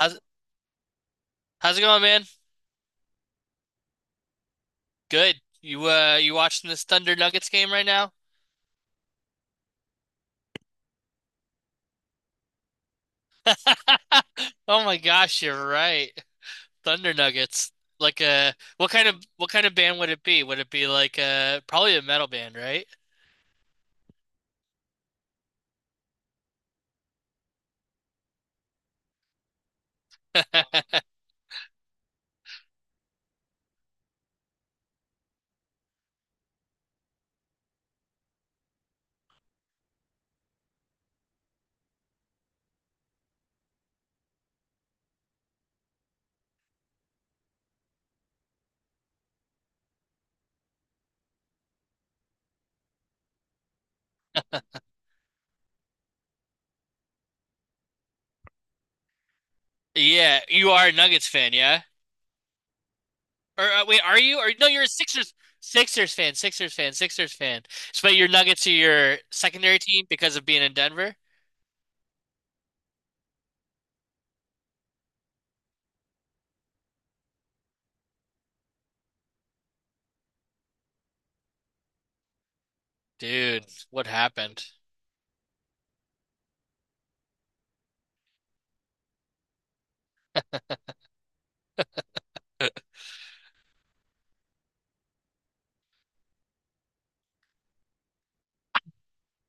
How's how's it going, man? Good. You you watching this Thunder Nuggets game right now? Oh my gosh, you're right. Thunder Nuggets. Like uh, what kind of band would it be? Would it be like probably a metal band, right? Yeah, you are a Nuggets fan, yeah? Or wait, are you? Or no, you're a Sixers fan. So, but your Nuggets are your secondary team because of being in Denver? Dude, what happened?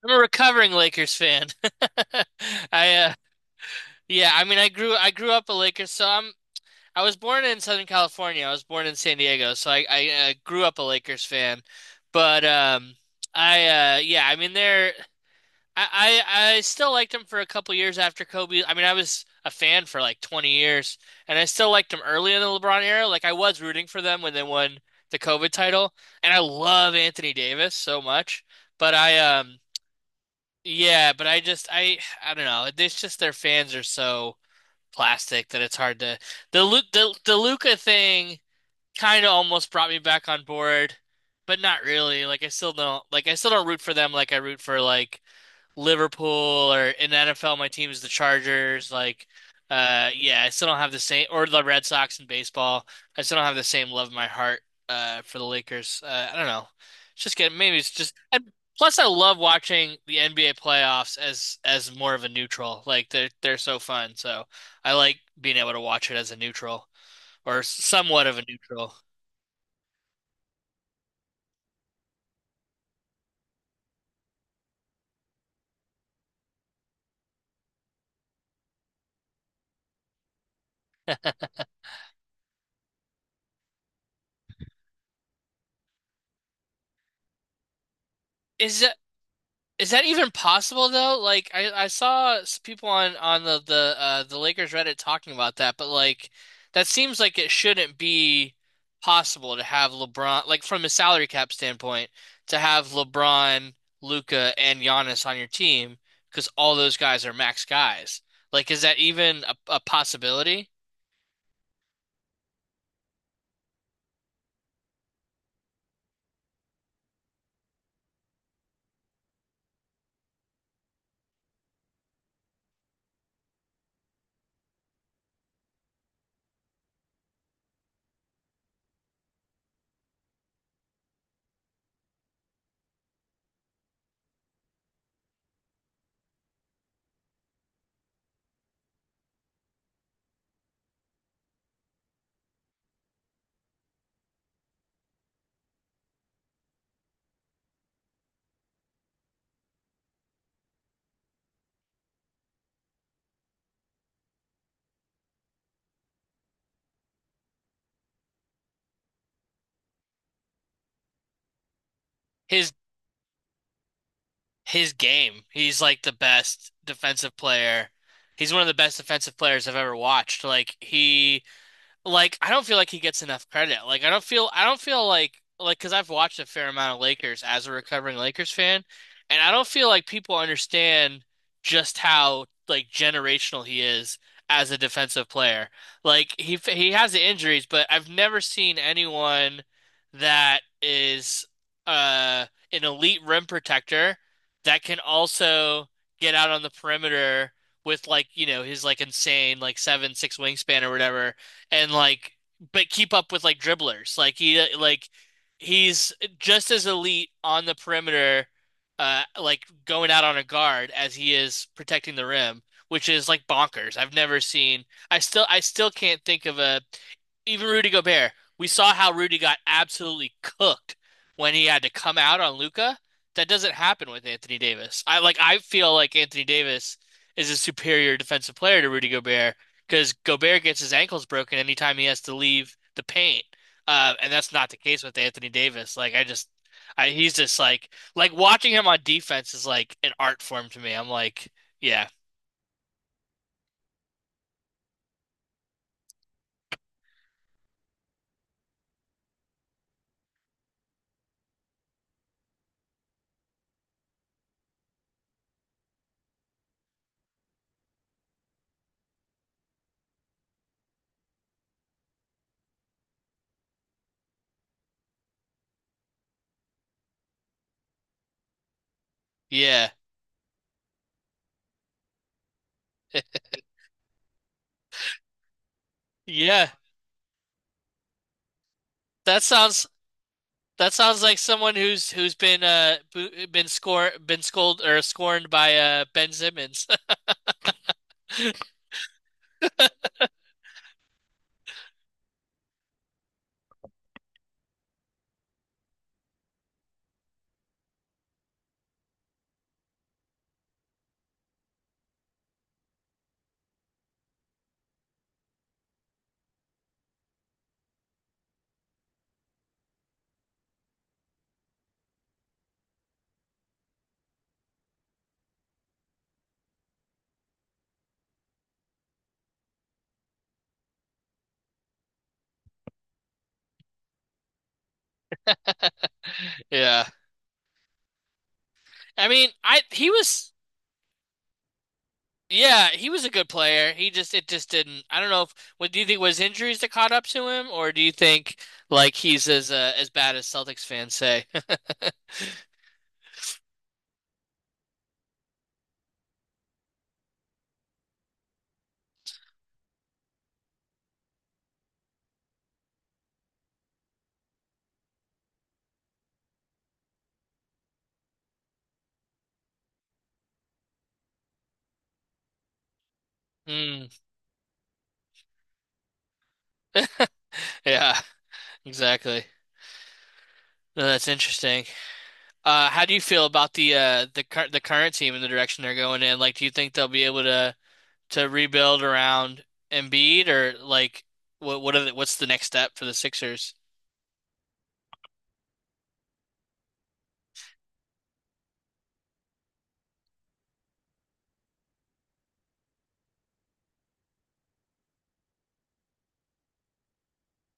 I'm a recovering Lakers fan. I Yeah, I mean, I grew up a Lakers, so I was born in Southern California. I was born in San Diego, so I grew up a Lakers fan. But I yeah, I mean, they're I still liked them for a couple years after Kobe. I mean, I was a fan for like 20 years, and I still liked them early in the LeBron era. Like I was rooting for them when they won the COVID title, and I love Anthony Davis so much. But I yeah, but I just I don't know. It's just their fans are so plastic that it's hard to the the Luca thing kind of almost brought me back on board, but not really. Like I still don't root for them like I root for like Liverpool, or in the NFL, my team is the Chargers. Like, yeah, I still don't have the same, or the Red Sox in baseball. I still don't have the same love in my heart, for the Lakers. I don't know. It's just getting, maybe it's just, and plus I love watching the NBA playoffs as, more of a neutral. Like they're so fun. So I like being able to watch it as a neutral or somewhat of a neutral. Is, uh, Is that even possible though? Like I saw people on the Lakers Reddit talking about that, but like that seems like it shouldn't be possible to have LeBron, like from a salary cap standpoint, to have LeBron, Luca, and Giannis on your team because all those guys are max guys. Like is that even a possibility? His his game, he's like the best defensive player. He's one of the best defensive players I've ever watched. Like he. Like I don't feel like he gets enough credit. Like I don't feel like because I've watched a fair amount of Lakers as a recovering Lakers fan, and I don't feel like people understand just how like generational he is as a defensive player. Like he has the injuries, but I've never seen anyone that is uh an elite rim protector that can also get out on the perimeter with, like, you know, his like insane like seven, six wingspan or whatever, and like, but keep up with like dribblers. He's just as elite on the perimeter, like going out on a guard as he is protecting the rim, which is like bonkers. I've never seen. I still can't think of a, even Rudy Gobert, we saw how Rudy got absolutely cooked when he had to come out on Luca. That doesn't happen with Anthony Davis. I feel like Anthony Davis is a superior defensive player to Rudy Gobert because Gobert gets his ankles broken anytime he has to leave the paint. And that's not the case with Anthony Davis. He's just like watching him on defense is like an art form to me. I'm like, yeah, yeah, yeah. That sounds That sounds like someone who's been scolded or scorned by Ben Simmons. Yeah. I mean, I he was Yeah, he was a good player. He just it just didn't. I don't know if, what do you think was injuries that caught up to him, or do you think like he's as bad as Celtics fans say? Hmm. Yeah, exactly. No, that's interesting. How do you feel about the cur the current team and the direction they're going in? Like, do you think they'll be able to? To rebuild around Embiid, or like what are the, what's the next step for the Sixers?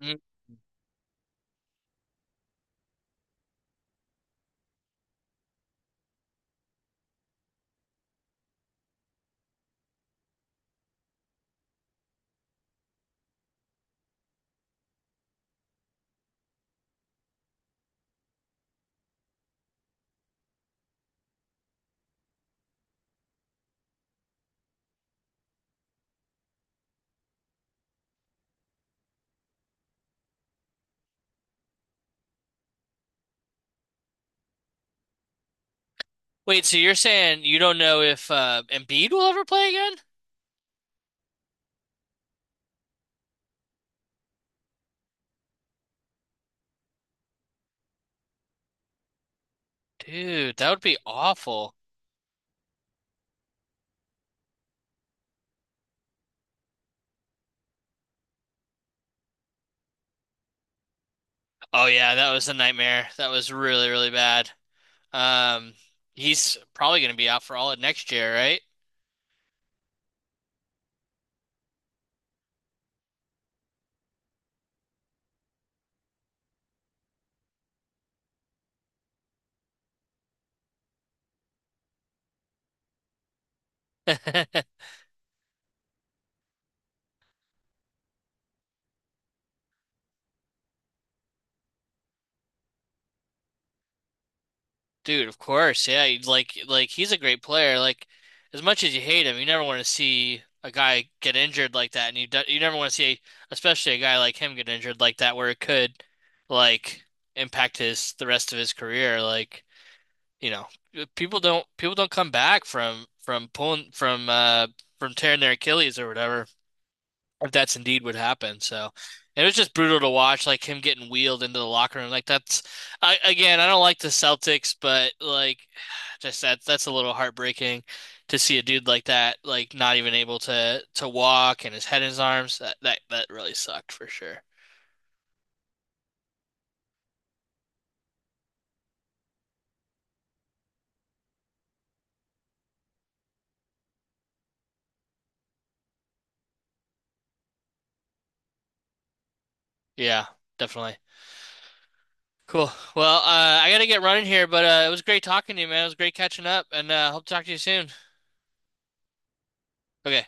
Mm. Wait, so you're saying you don't know if Embiid will ever play again? Dude, that would be awful. Oh yeah, that was a nightmare. That was really, really bad. Um, he's probably going to be out for all of next year, right? Dude, of course, yeah. You'd Like he's a great player. Like as much as you hate him, you never want to see a guy get injured like that, and you never want to see, especially a guy like him get injured like that, where it could like impact his the rest of his career. Like, you know, people don't come back from pulling from tearing their Achilles or whatever, if that's indeed what happened. So it was just brutal to watch, like him getting wheeled into the locker room. Like again, I don't like the Celtics, but like just that's a little heartbreaking to see a dude like that, like not even able to walk and his head in his arms. That really sucked for sure. Yeah, definitely. Cool. Well, I gotta get running here, but it was great talking to you, man. It was great catching up, and hope to talk to you soon. Okay.